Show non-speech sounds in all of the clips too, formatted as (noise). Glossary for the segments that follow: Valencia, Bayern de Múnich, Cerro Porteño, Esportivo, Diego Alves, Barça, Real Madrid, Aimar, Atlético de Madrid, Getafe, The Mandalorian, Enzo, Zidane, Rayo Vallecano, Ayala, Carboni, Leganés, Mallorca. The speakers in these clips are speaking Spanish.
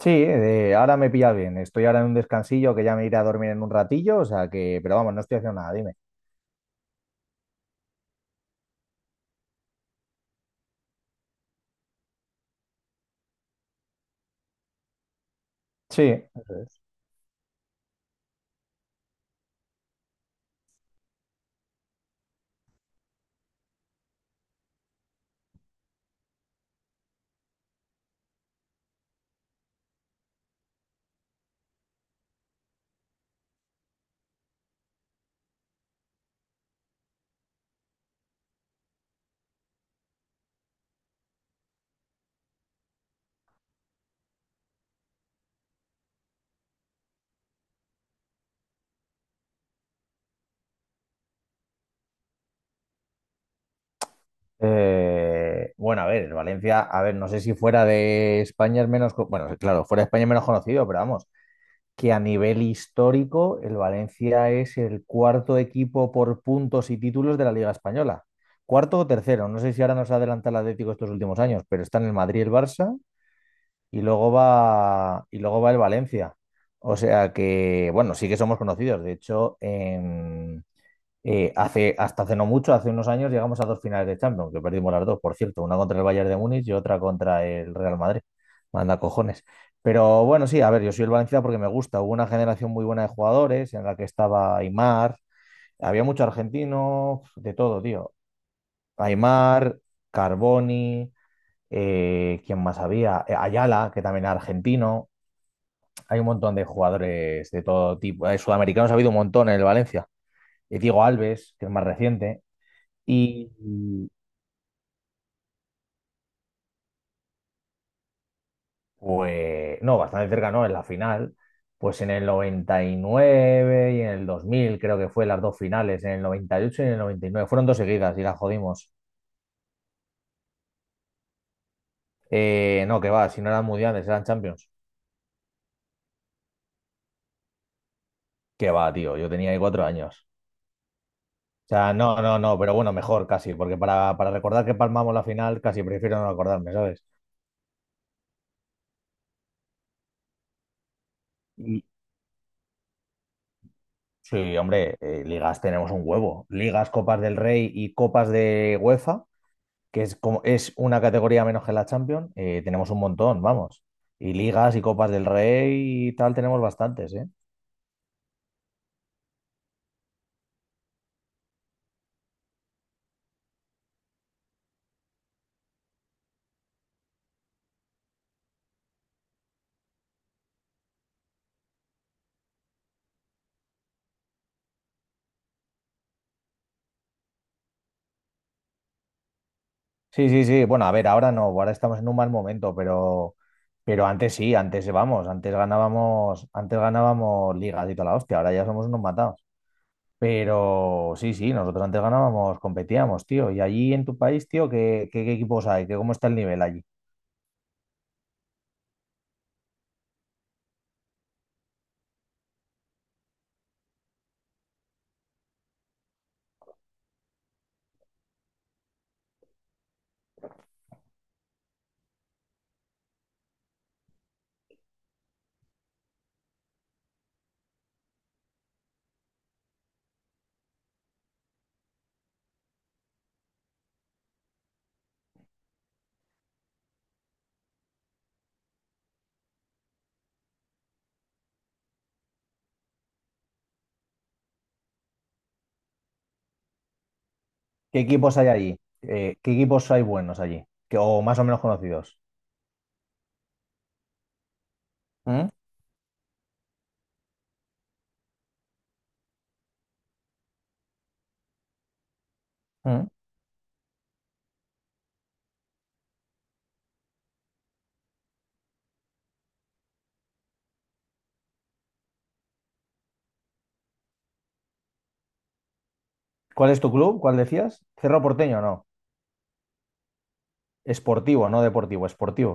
Sí, ahora me pillas bien. Estoy ahora en un descansillo que ya me iré a dormir en un ratillo, o sea que, pero vamos, no estoy haciendo nada, dime. Sí. Eso es. Bueno, a ver, el Valencia, a ver, no sé si fuera de España es menos, bueno, claro, fuera de España es menos conocido, pero vamos, que a nivel histórico el Valencia es el cuarto equipo por puntos y títulos de la Liga Española. Cuarto o tercero, no sé si ahora nos adelanta el Atlético estos últimos años, pero están el Madrid y el Barça y luego va el Valencia. O sea que, bueno, sí que somos conocidos. De hecho, hace, hasta hace no mucho, hace unos años, llegamos a dos finales de Champions, que perdimos las dos, por cierto, una contra el Bayern de Múnich y otra contra el Real Madrid. Manda cojones. Pero bueno, sí, a ver, yo soy el Valencia porque me gusta. Hubo una generación muy buena de jugadores en la que estaba Aimar, había mucho argentino, de todo, tío. Aimar, Carboni, ¿quién más había? Ayala, que también era argentino. Hay un montón de jugadores de todo tipo. Sudamericanos ha habido un montón en el Valencia. Diego Alves, que es más reciente. Y, y, pues, no, bastante cerca, no, en la final. Pues en el 99 y nueve y en el 2000, creo que fue las dos finales, en el 98 y ocho y en el 99. Fueron dos seguidas y las jodimos. No, que va, si no eran mundiales, eran champions. Que va, tío, yo tenía ahí 4 años. O sea, no, no, no, pero bueno, mejor casi, porque para recordar que palmamos la final, casi prefiero no acordarme, ¿sabes? Y, Sí, hombre, ligas tenemos un huevo. Ligas, Copas del Rey y Copas de UEFA, que es como es una categoría menos que la Champions, tenemos un montón, vamos. Y ligas y Copas del Rey y tal tenemos bastantes, ¿eh? Sí, sí, sí. Bueno, a ver, ahora no, ahora estamos en un mal momento, pero antes sí, antes vamos, antes ganábamos ligas y toda la hostia, ahora ya somos unos matados. Pero sí, sí, nosotros antes ganábamos, competíamos, tío. Y allí en tu país, tío, qué equipos hay? ¿Qué, cómo está el nivel allí? ¿Qué equipos hay allí? ¿Qué equipos hay buenos allí? Que, o más o menos conocidos. ¿Mm? ¿Mm? ¿Cuál es tu club? ¿Cuál decías? Cerro Porteño, no. Esportivo, no deportivo, esportivo.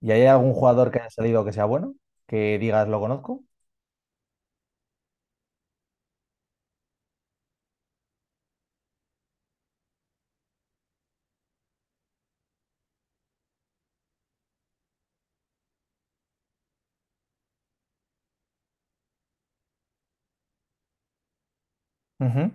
¿Y hay algún jugador que haya salido que sea bueno? Que digas, lo conozco. Ujú.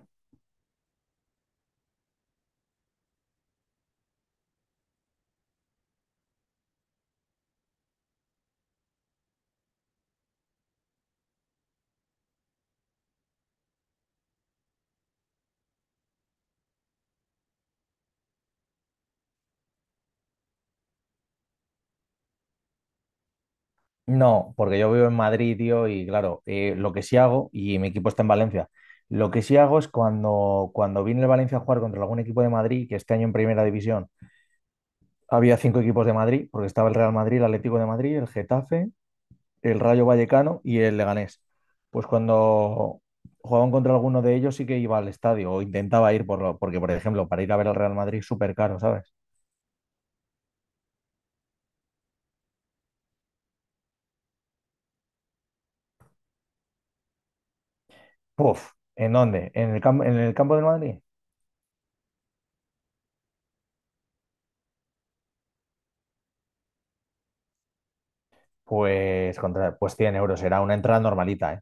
No, porque yo vivo en Madrid, tío, y claro, lo que sí hago, y mi equipo está en Valencia, lo que sí hago es cuando vine el Valencia a jugar contra algún equipo de Madrid, que este año en Primera División había cinco equipos de Madrid, porque estaba el Real Madrid, el Atlético de Madrid, el Getafe, el Rayo Vallecano y el Leganés. Pues cuando jugaban contra alguno de ellos sí que iba al estadio o intentaba ir por lo, porque, por ejemplo, para ir a ver al Real Madrid súper caro, ¿sabes? Puf, ¿en dónde? ¿En el campo del Madrid? Pues, contra, pues 100 euros, era una entrada normalita, ¿eh?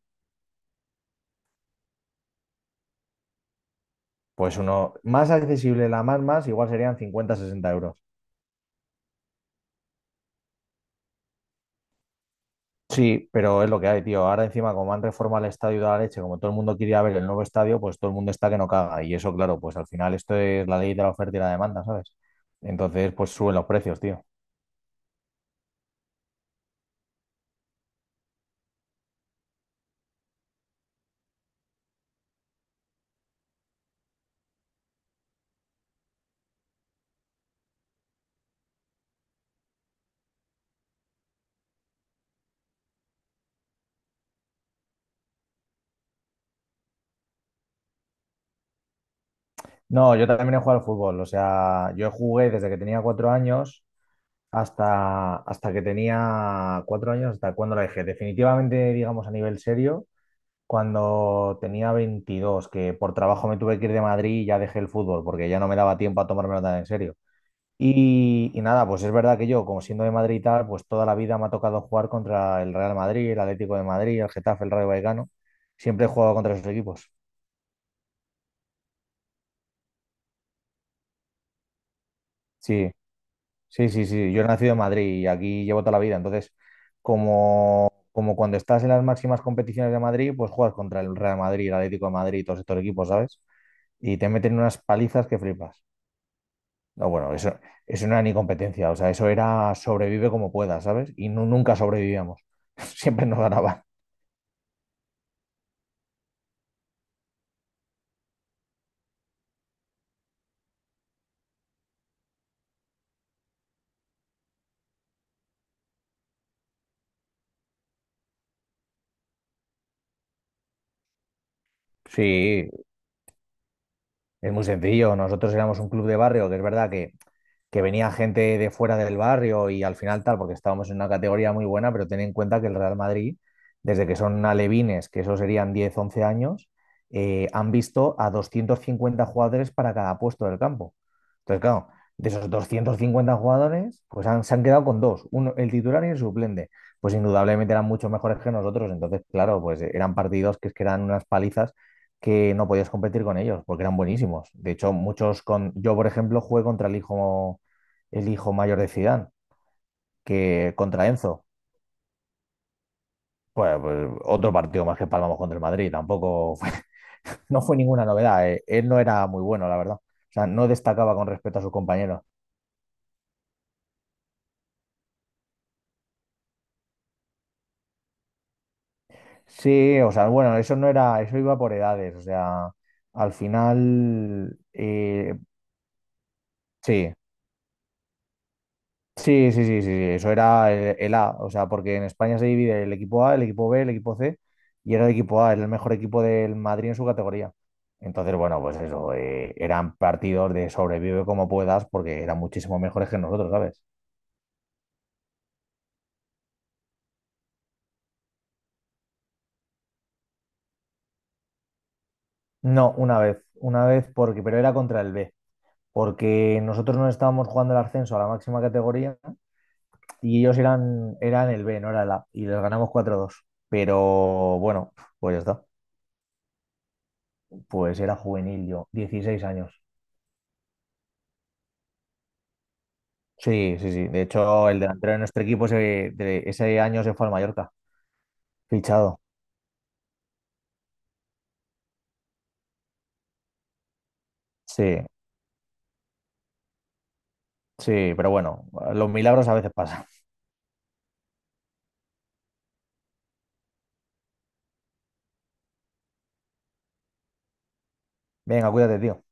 Pues uno más accesible, la más más, igual serían 50 60 euros. Sí, pero es lo que hay, tío. Ahora encima, como han reformado el estadio de la leche, como todo el mundo quiere ver el nuevo estadio, pues todo el mundo está que no caga. Y eso, claro, pues al final esto es la ley de la oferta y la demanda, ¿sabes? Entonces, pues suben los precios, tío. No, yo también he jugado al fútbol. O sea, yo jugué desde que tenía 4 años hasta que tenía 4 años, hasta cuando la dejé. Definitivamente, digamos, a nivel serio, cuando tenía 22, que por trabajo me tuve que ir de Madrid y ya dejé el fútbol, porque ya no me daba tiempo a tomármelo tan en serio. Y nada, pues es verdad que yo, como siendo de Madrid y tal, pues toda la vida me ha tocado jugar contra el Real Madrid, el Atlético de Madrid, el Getafe, el Rayo Vallecano. Siempre he jugado contra esos equipos. Sí, sí, sí, sí. Yo he nacido en Madrid y aquí llevo toda la vida. Entonces, como cuando estás en las máximas competiciones de Madrid, pues juegas contra el Real Madrid, el Atlético de Madrid y todos estos equipos, ¿sabes? Y te meten unas palizas que flipas. No, bueno, eso no era ni competencia. O sea, eso era sobrevive como puedas, ¿sabes? Y nunca sobrevivíamos. (laughs) Siempre nos ganaban. Sí, es muy sencillo. Nosotros éramos un club de barrio, que es verdad que venía gente de fuera del barrio y al final tal, porque estábamos en una categoría muy buena, pero ten en cuenta que el Real Madrid, desde que son alevines, que eso serían 10 11 años, han visto a 250 jugadores para cada puesto del campo. Entonces, claro, de esos 250 jugadores, pues han, se han quedado con dos, uno, el titular y el suplente. Pues indudablemente eran mucho mejores que nosotros, entonces, claro, pues eran partidos que, es que eran unas palizas que no podías competir con ellos, porque eran buenísimos. De hecho, muchos con... Yo, por ejemplo, jugué contra el hijo mayor de Zidane, que contra Enzo, pues, otro partido más que palmamos contra el Madrid, tampoco (laughs) no fue ninguna novedad. Él no era muy bueno, la verdad. O sea, no destacaba con respecto a sus compañeros. Sí, o sea, bueno, eso no era, eso iba por edades, o sea, al final, sí, sí, sí, sí, sí, sí, eso era el, A, o sea, porque en España se divide el equipo A, el equipo B, el equipo C, y era el equipo A, era el mejor equipo del Madrid en su categoría. Entonces, bueno, pues eso, eran partidos de sobrevive como puedas, porque eran muchísimo mejores que nosotros, ¿sabes? No, una vez, porque, pero era contra el B, porque nosotros no estábamos jugando el ascenso a la máxima categoría y ellos eran el B, no era el A, y les ganamos 4-2. Pero bueno, pues ya está, pues era juvenil yo, 16 años. Sí, sí, sí. De hecho, el delantero de nuestro equipo ese, de ese año se fue al Mallorca, fichado. Sí, sí, pero bueno, los milagros a veces pasan. Venga, cuídate, tío.